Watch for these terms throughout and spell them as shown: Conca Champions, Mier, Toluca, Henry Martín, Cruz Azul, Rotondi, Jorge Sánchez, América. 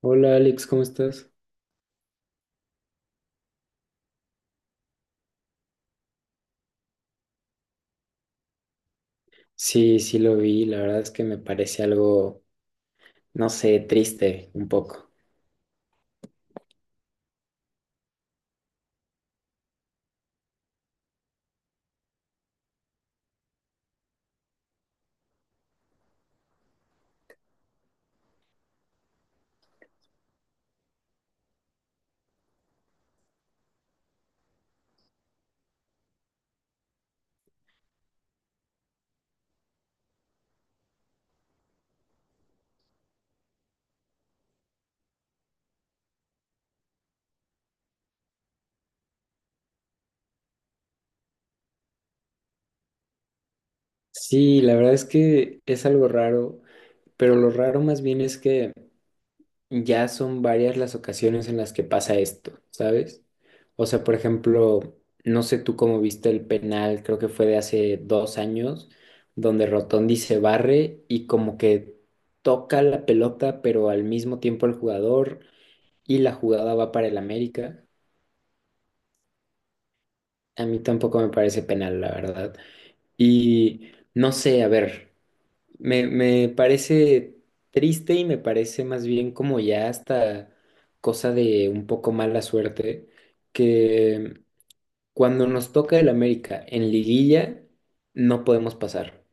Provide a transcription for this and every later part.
Hola Alex, ¿cómo estás? Sí, sí lo vi, la verdad es que me parece algo, no sé, triste un poco. Sí, la verdad es que es algo raro, pero lo raro más bien es que ya son varias las ocasiones en las que pasa esto, ¿sabes? O sea, por ejemplo, no sé tú cómo viste el penal, creo que fue de hace 2 años, donde Rotondi se barre y como que toca la pelota, pero al mismo tiempo el jugador y la jugada va para el América. A mí tampoco me parece penal, la verdad. Y no sé, a ver, me parece triste y me parece más bien como ya hasta cosa de un poco mala suerte, que cuando nos toca el América en liguilla, no podemos pasar.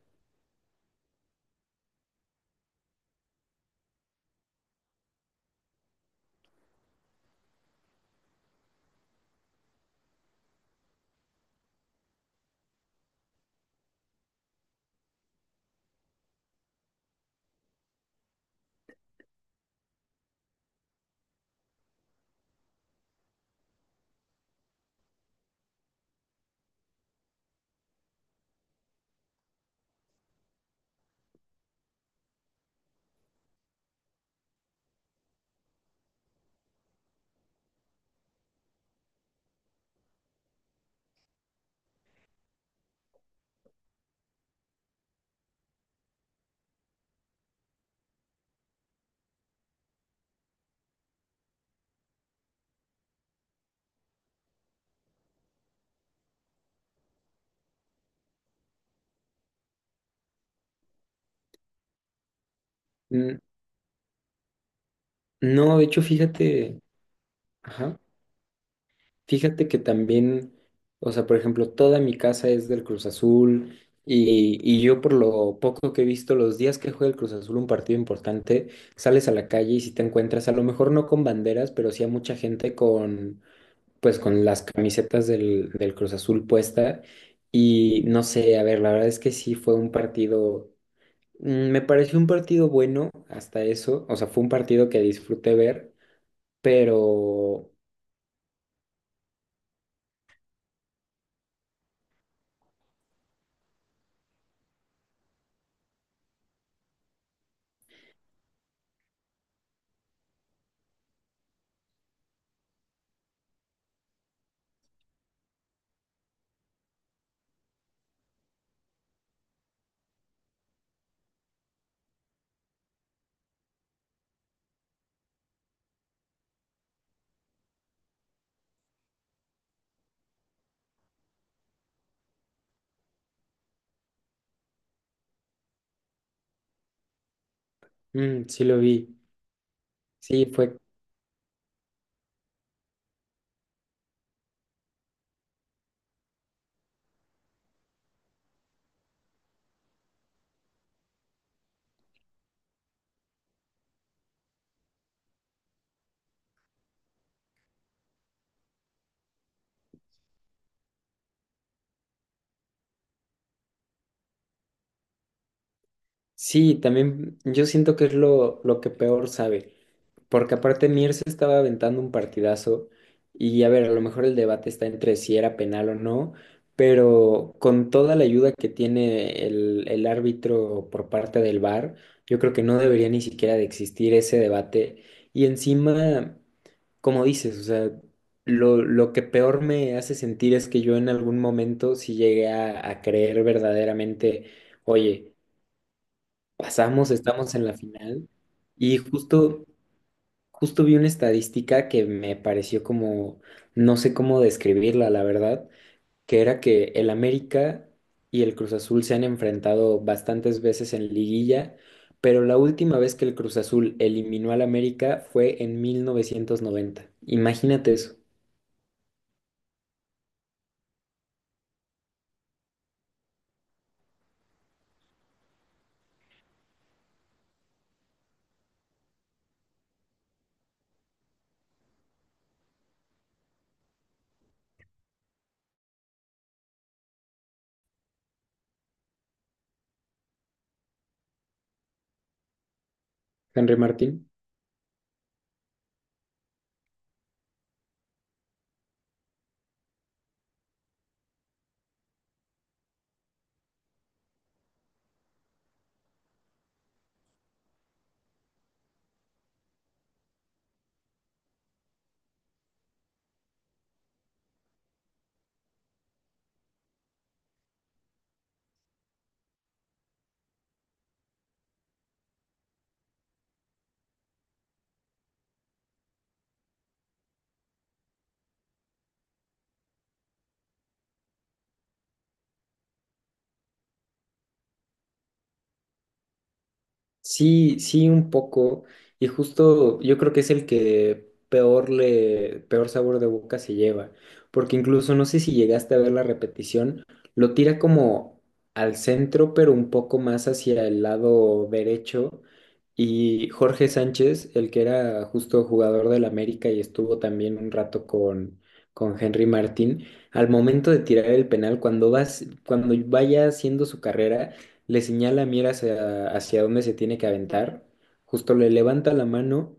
N- No, de hecho, fíjate, ajá. Fíjate que también, o sea, por ejemplo, toda mi casa es del Cruz Azul y yo por lo poco que he visto, los días que juega el Cruz Azul un partido importante, sales a la calle y si te encuentras, a lo mejor no con banderas, pero sí a mucha gente con, pues con las camisetas del Cruz Azul puesta y no sé, a ver, la verdad es que sí fue un partido, me pareció un partido bueno hasta eso, o sea, fue un partido que disfruté ver, pero mm, sí lo vi. Sí, fue sí, también yo siento que es lo que peor sabe, porque aparte Mier se estaba aventando un partidazo y a ver, a lo mejor el debate está entre si era penal o no, pero con toda la ayuda que tiene el árbitro por parte del VAR, yo creo que no debería ni siquiera de existir ese debate y encima como dices, o sea, lo que peor me hace sentir es que yo en algún momento sí llegué a creer verdaderamente, oye, pasamos, estamos en la final y justo, justo vi una estadística que me pareció como, no sé cómo describirla, la verdad, que era que el América y el Cruz Azul se han enfrentado bastantes veces en liguilla, pero la última vez que el Cruz Azul eliminó al América fue en 1990. Imagínate eso, Henry Martín. Sí, sí, un poco. Y justo yo creo que es el que peor le, peor sabor de boca se lleva. Porque incluso no sé si llegaste a ver la repetición, lo tira como al centro, pero un poco más hacia el lado derecho. Y Jorge Sánchez, el que era justo jugador del América y estuvo también un rato con Henry Martín, al momento de tirar el penal, cuando vas, cuando vaya haciendo su carrera le señala a Mier hacia, hacia dónde se tiene que aventar, justo le levanta la mano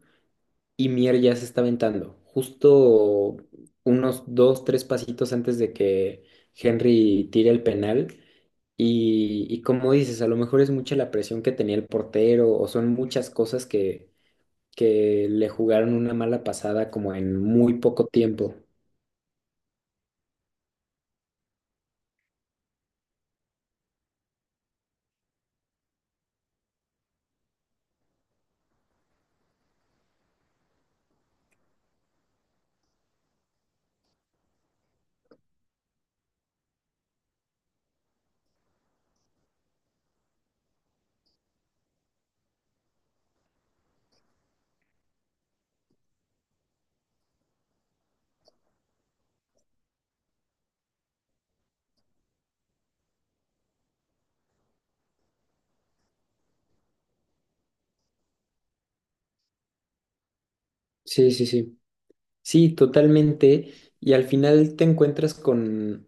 y Mier ya se está aventando, justo unos dos, tres pasitos antes de que Henry tire el penal. Y como dices, a lo mejor es mucha la presión que tenía el portero o son muchas cosas que le jugaron una mala pasada como en muy poco tiempo. Sí, sí, sí. Sí, totalmente. Y al final te encuentras con,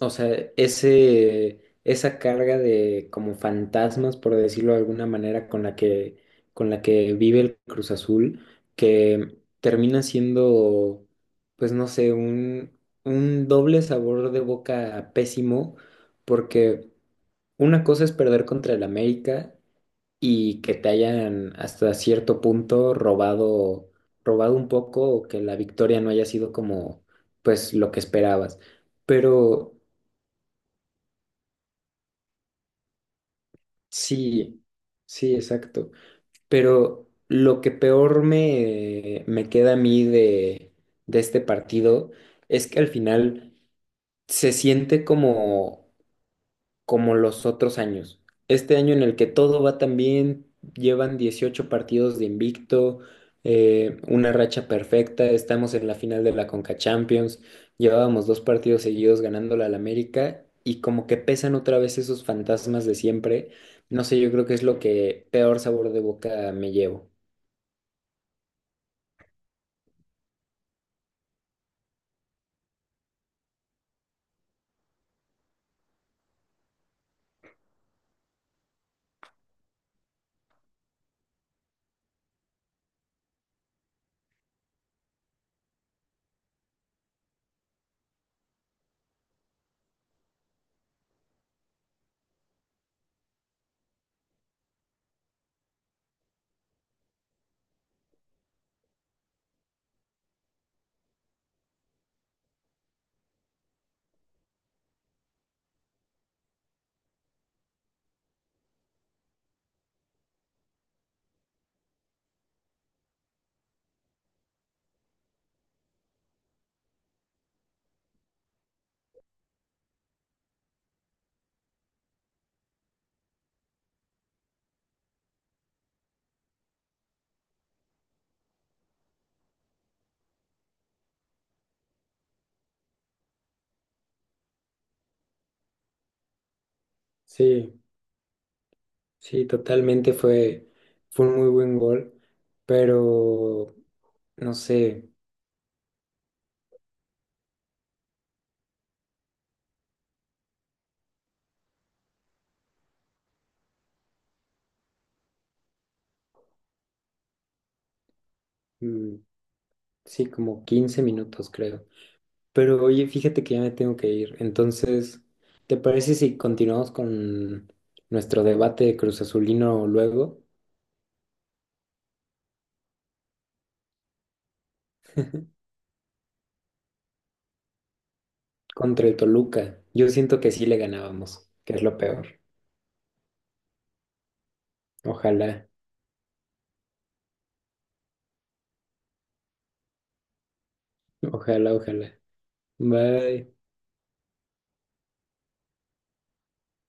o sea, ese, esa carga de como fantasmas, por decirlo de alguna manera, con la que vive el Cruz Azul, que termina siendo, pues no sé, un doble sabor de boca pésimo, porque una cosa es perder contra el América y que te hayan hasta cierto punto robado, robado un poco o que la victoria no haya sido como, pues lo que esperabas. Pero sí, sí, exacto. Pero lo que peor me queda a mí de este partido es que al final se siente como como los otros años. Este año en el que todo va tan bien, llevan 18 partidos de invicto, una racha perfecta, estamos en la final de la Conca Champions, llevábamos dos partidos seguidos ganándola al América y como que pesan otra vez esos fantasmas de siempre. No sé, yo creo que es lo que peor sabor de boca me llevo. Sí, sí, totalmente fue, fue un muy buen gol, pero no sé. Mm, sí, como 15 minutos creo. Pero oye, fíjate que ya me tengo que ir. Entonces, ¿te parece si continuamos con nuestro debate de Cruz Azulino luego contra el Toluca? Yo siento que sí le ganábamos, que es lo peor. Ojalá, ojalá, ojalá. Bye.